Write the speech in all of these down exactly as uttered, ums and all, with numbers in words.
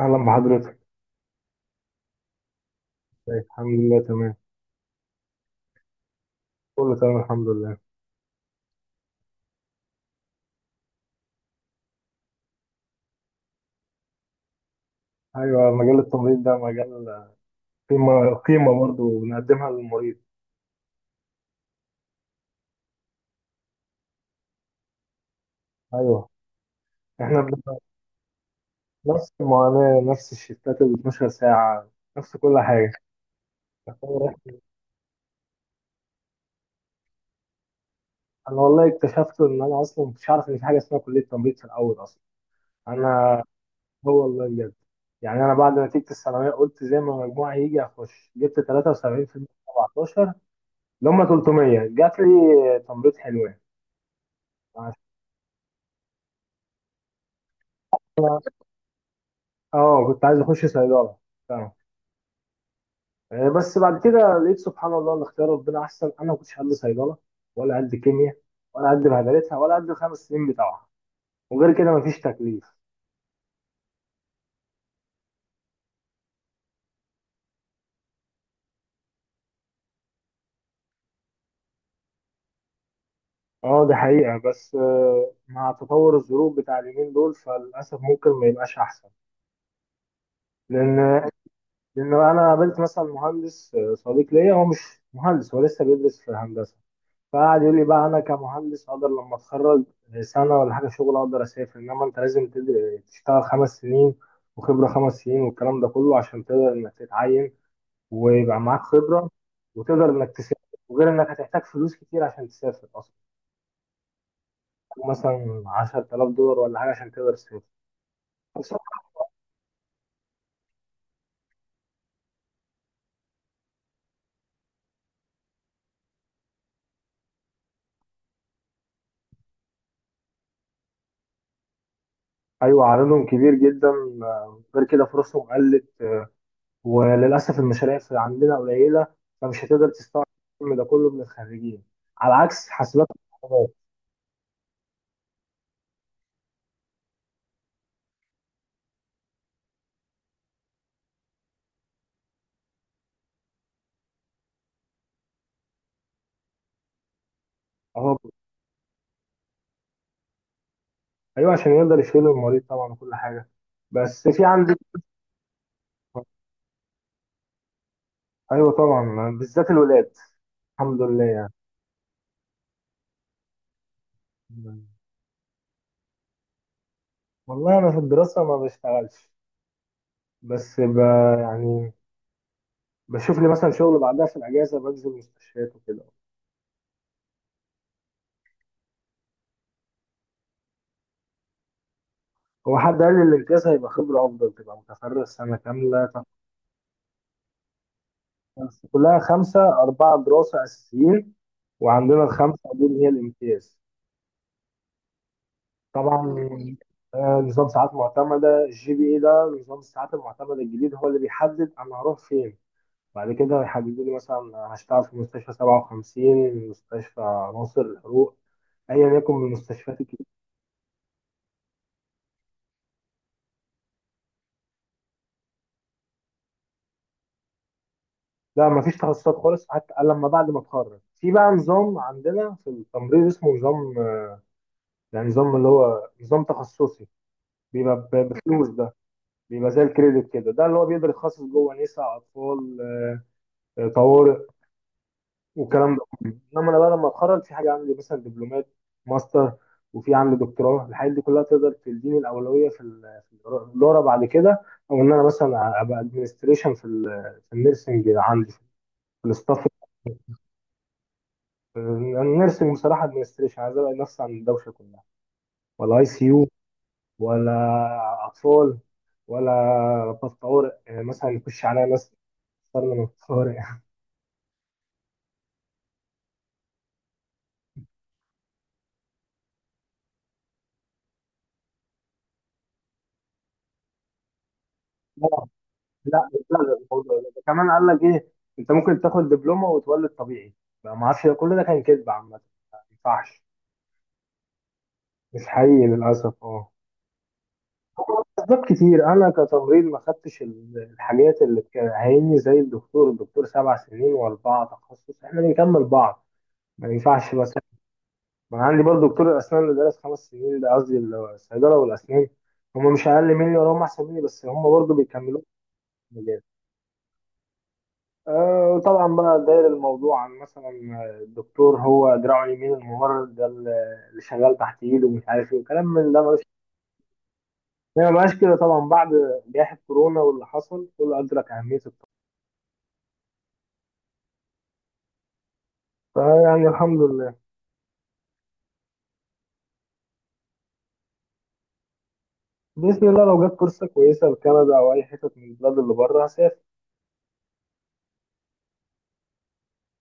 أهلا بحضرتك. ازيك؟ الحمد لله تمام. كله تمام الحمد لله. أيوة، مجال التمريض ده مجال قيمة قيمة برضه بنقدمها للمريض. أيوة إحنا بنبقى نفس المعاناة، نفس الشفتات ال اتناشر ساعة، نفس كل حاجة. أنا والله اكتشفت إن أنا أصلا مكنتش عارف إن في حاجة اسمها كلية تمريض في الأول أصلا. أنا، هو والله بجد، يعني أنا بعد نتيجة الثانوية قلت زي ما مجموعي يجي أخش. جبت ثلاثة وسبعين في المية في سبعتاشر، اللي هم تلتمية، جات لي تمريض. حلوة. اه، كنت عايز اخش صيدله، فاهم. آه، بس بعد كده لقيت سبحان الله ان اختيار ربنا احسن. انا ما كنتش قد صيدله، ولا قد كيمياء، ولا قد بهدلتها، ولا قد الخمس سنين بتاعها. وغير كده مفيش تكليف. اه دي حقيقه، بس آه، مع تطور الظروف بتاع اليومين دول فللاسف ممكن ما يبقاش احسن. لان، لان انا قابلت مثلا مهندس، آه، صديق ليا، هو مش مهندس، هو لسه بيدرس في هندسه. فقعد يقول لي بقى: انا كمهندس اقدر لما اتخرج سنه ولا حاجه شغل اقدر اسافر، انما انت لازم تد- تشتغل خمس سنين، وخبره خمس سنين، والكلام ده كله عشان تقدر انك تتعين، ويبقى معاك خبره، وتقدر انك تسافر. وغير انك هتحتاج فلوس كتير عشان تسافر اصلا، مثلا عشرة آلاف دولار ولا حاجه عشان تقدر تسافر. ايوه، عددهم كبير جدا. آه، غير كده فرصهم قلت. آه، وللاسف المشاريع في عندنا قليله، فمش هتقدر تستوعب الكم ده كله من الخريجين، على عكس حاسبات. اهو. ايوه عشان يقدر يشيل المريض طبعا وكل حاجه. بس في عندي، ايوه طبعا بالذات الولاد، الحمد لله يعني. والله انا في الدراسه ما بشتغلش. بس، ب... يعني بشوف لي مثلا شغل بعدها في الاجازه، بنزل مستشفيات وكده. هو حد قال لي الامتياز هيبقى خبره افضل تبقى متفرغ سنه كامله. طب بس كلها خمسه، اربعه دراسه اساسيين، وعندنا الخمسه دول هي الامتياز. طبعا. آه، نظام ساعات معتمدة، الجي بي اي ده، نظام الساعات المعتمدة الجديد هو اللي بيحدد أنا هروح فين. بعد كده هيحددوا لي مثلا هشتغل في مستشفى سبعة وخمسين، مستشفى ناصر الحروق، أيا يكن من المستشفيات الكبيرة. لا، مفيش تخصصات خالص. حتى لما بعد ما اتخرج في بقى نظام عندنا في التمريض اسمه نظام، يعني نظام اللي هو نظام تخصصي، بيبقى ب- بفلوس ده، بيبقى زي الكريدت كده، ده اللي هو بيقدر يتخصص جوه نساء، أطفال، آه، طوارئ، والكلام ده كله. انما انا بقى لما اتخرج في حاجه عندي مثلا دبلومات، ماستر، وفي عندي دكتوراه. الحاجات دي كلها تقدر تديني الاولويه في ال- في الاداره بعد كده، او ان انا مثلا ابقى ادمنستريشن في ال- في النيرسنج، عندي في الاستاف النيرسنج بصراحه. ادمنستريشن عايز ابعد نفسي عن الدوشه كلها، ولا اي سي يو، ولا اطفال، ولا طب طوارئ يعني مثلا يخش عليا ناس صرنا من الطوارئ. لا، اتلغى الموضوع ده. ده كمان قال لك ايه، انت ممكن تاخد دبلومه وتولد طبيعي. ما ما اعرفش، ده كل ده كان كذب عامه، ما ينفعش. مش حقيقي للاسف، اه. هو اسباب كتير، انا كتمريض ما خدتش ال- الحاجات اللي بتعيني. زي الدكتور الدكتور سبع سنين واربعه تخصص، احنا بنكمل بعض، ما ينفعش بس. ما أنا عندي برضه دكتور الاسنان اللي درس خمس سنين، ده قصدي الصيدله والاسنان، هم مش اقل مني ولا هم احسن مني، بس هم برضه بيكملوا. آه، وطبعا بقى داير الموضوع عن مثلا آه، الدكتور هو دراعه اليمين، الممرض ده اللي شغال تحت ايده ومش عارف ايه وكلام من ده ملوش. ما بقاش كده طبعا بعد جائحة كورونا، واللي حصل كله أدرك أهمية الطب، فيعني الحمد لله. بإذن الله لو جت فرصة كويسة لكندا أو أي حتة من البلاد اللي بره هسافر.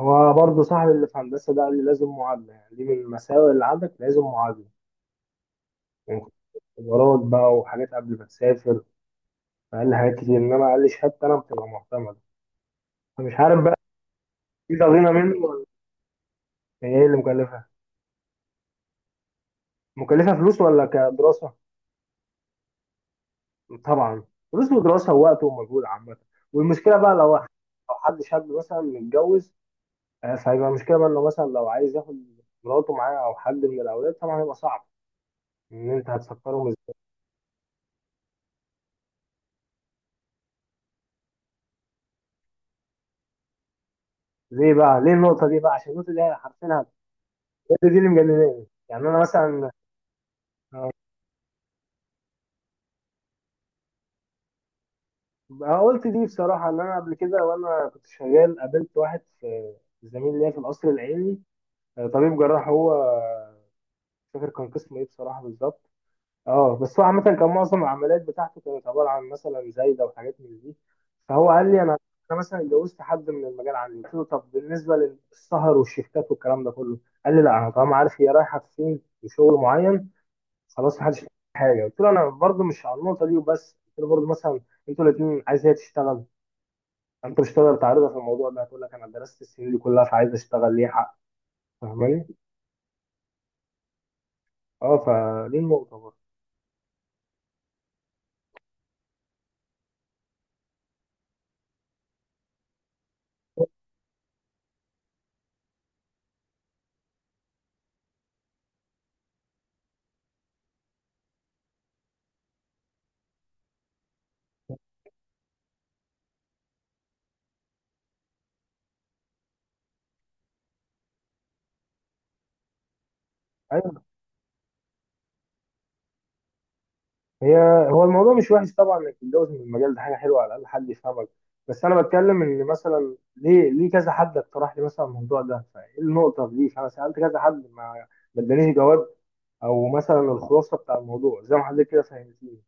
هو برضه صاحبي اللي في هندسة ده قال لي لازم معادلة، يعني دي من المساوئ اللي عندك، لازم معادلة، يعني اختبارات بقى وحاجات قبل ما تسافر. فقال لي حاجات كتير، إنما قال لي شهادتي أنا بتبقى معتمدة، فمش عارف بقى. في عظيمة منه، ولا هي اللي مكلفة؟ مكلفة فلوس ولا كدراسة؟ طبعا فلوس ودراسة ووقت ومجهود عامة. والمشكلة بقى لو لو حد شاب مثلا متجوز، آه، فهيبقى المشكلة بقى انه مثلا لو عايز ياخد مراته معاه او حد من الاولاد طبعا هيبقى صعب ان انت هتفكرهم ازاي. ليه بقى، ليه النقطة دي بقى؟ عشان النقطة دي هي حرفيا هت- هي دي اللي مجنناني، يعني انا مثلا. أنا قلت دي بصراحة، ان انا قبل كده وانا كنت شغال قابلت واحد في، زميل ليا في القصر العيني، آه، طبيب جراح هو، مش فاكر كان قسم ايه بصراحه بالظبط، اه. بس هو عامه كان معظم العمليات بتاعته كانت عباره عن مثلا زايده وحاجات من دي. فهو قال لي: انا، انا مثلا اتجوزت حد من المجال عندي. قلت له: طب بالنسبه للسهر والشيفتات والكلام ده كله؟ قال لي: لا، انا طالما عارف هي رايحه فين وشغل معين خلاص محدش يعمل حاجه. قلت له انا برضو مش على النقطه دي وبس. قلت له برضو مثلا انتوا الاثنين عايز هي تشتغل، انتوا مش هتقدر تعرضها في الموضوع ده، هتقول لك: انا درست السنين دي كلها فعايز اشتغل ليه حق، فاهماني؟ اه. فدي النقطه برضه. أيوه. هي، هو الموضوع مش وحش طبعا انك تتجوز من المجال ده، حاجه حلوه على الاقل حد يفهمك. بس انا بتكلم ان مثلا ليه، ليه كذا حد اقترح لي مثلا الموضوع ده؟ فايه النقطه دي؟ فانا سالت كذا حد ما ما ادانيش جواب. او مثلا الخلاصه بتاع الموضوع زي ما حضرتك كده فهمتني.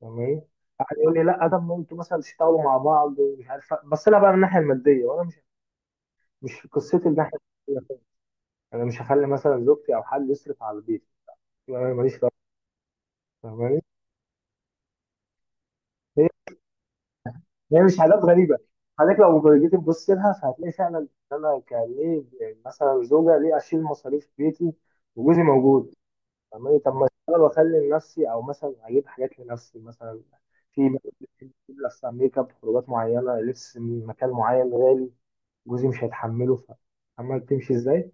تمام. قعد يقول لي: لا، طب ما انتوا مثلا تشتغلوا مع بعض، ومش عارف بص لها بقى من الناحيه الماديه. وانا مش، مش قصتي الناحيه الماديه خالص. انا مش هخلي مثلا زوجتي او حد يصرف على البيت يبقى انا ماليش دعوه، فاهماني؟ هي مش حاجات غريبه. حضرتك لو جيت تبص لها فهتلاقي فعلا ان انا كان ليه مثلا زوجه ليه اشيل مصاريف بيتي وجوزي موجود؟ فاهماني؟ طب ما اشتغل واخلي لنفسي، او مثلا اجيب حاجات لنفسي مثلا، في لبس، ميك اب، خروجات معينه، لبس من مكان معين غالي، جوزي مش هيتحمله، ف- فاهمه تمشي ازاي.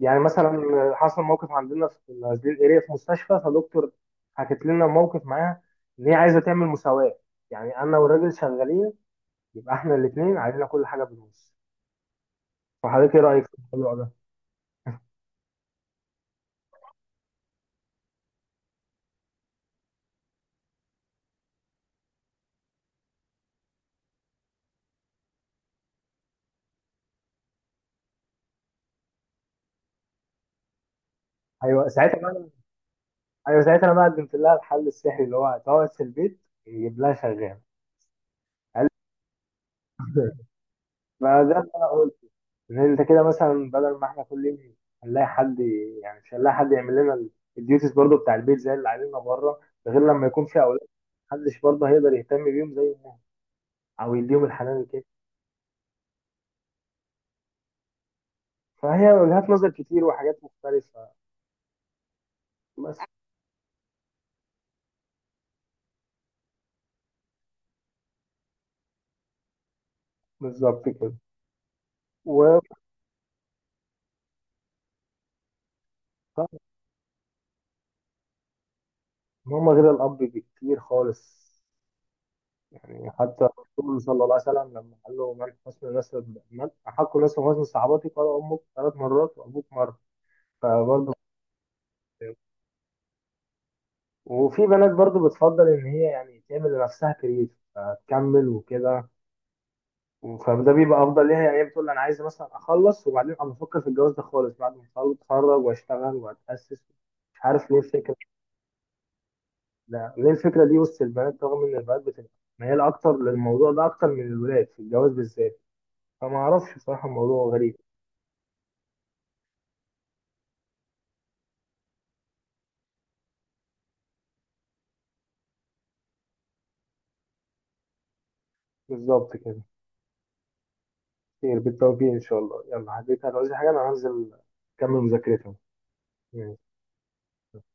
يعني مثلا حصل موقف عندنا في نازلين اريا في مستشفى، فدكتور حكت لنا موقف معاها ان هي عايزه تعمل مساواه. يعني انا والراجل شغالين، يبقى احنا الاثنين علينا كل حاجه بالنص. فحضرتك ايه رايك في الموضوع ده؟ ايوه ساعتها بقى أنا- ايوه ساعتها انا بقى قدمت لها الحل السحري اللي هو تقعد في البيت يجيب لها شغال. قال لي. ما ده اللي انا قلت، ان انت كده مثلا بدل ما احنا كل يوم هنلاقي حد ي- يعني مش هنلاقي حد يعمل لنا الديوتيز برضو بتاع البيت زي اللي علينا بره. ده غير لما يكون في اولاد، محدش برضه هيقدر يهتم بيهم زي ما، او يديهم الحنان كده. فهي وجهات نظر كتير وحاجات مختلفه. بس. بالظبط كده. و، هم غير الأب بكتير خالص. يعني حتى الرسول صلى الله عليه وسلم لما قال له: من حسن نسب، من أحق الناس بحسن صحابتي؟ قال: أمك، ثلاث مرات، وأبوك مرة. فبرضه. وفي بنات برضه بتفضل إن هي يعني تعمل لنفسها كارير فتكمل وكده، فده بيبقى أفضل ليها. يعني هي بتقول أنا عايزة مثلا أخلص وبعدين أبقى أفكر في الجواز، ده خالص بعد ما أتخرج وأشتغل وأتأسس. مش عارف ليه الفكرة. لا ليه الفكرة دي وسط البنات؟ رغم إن البنات بتبقى ميالة أكتر للموضوع ده أكتر من الولاد في الجواز بالذات. فما أعرفش بصراحة، الموضوع غريب. بالظبط كده. خير، بالتوفيق إن شاء الله. يلا حبيبي، هتعوزي حاجة؟ أنا هنزل أكمل مذاكرتها.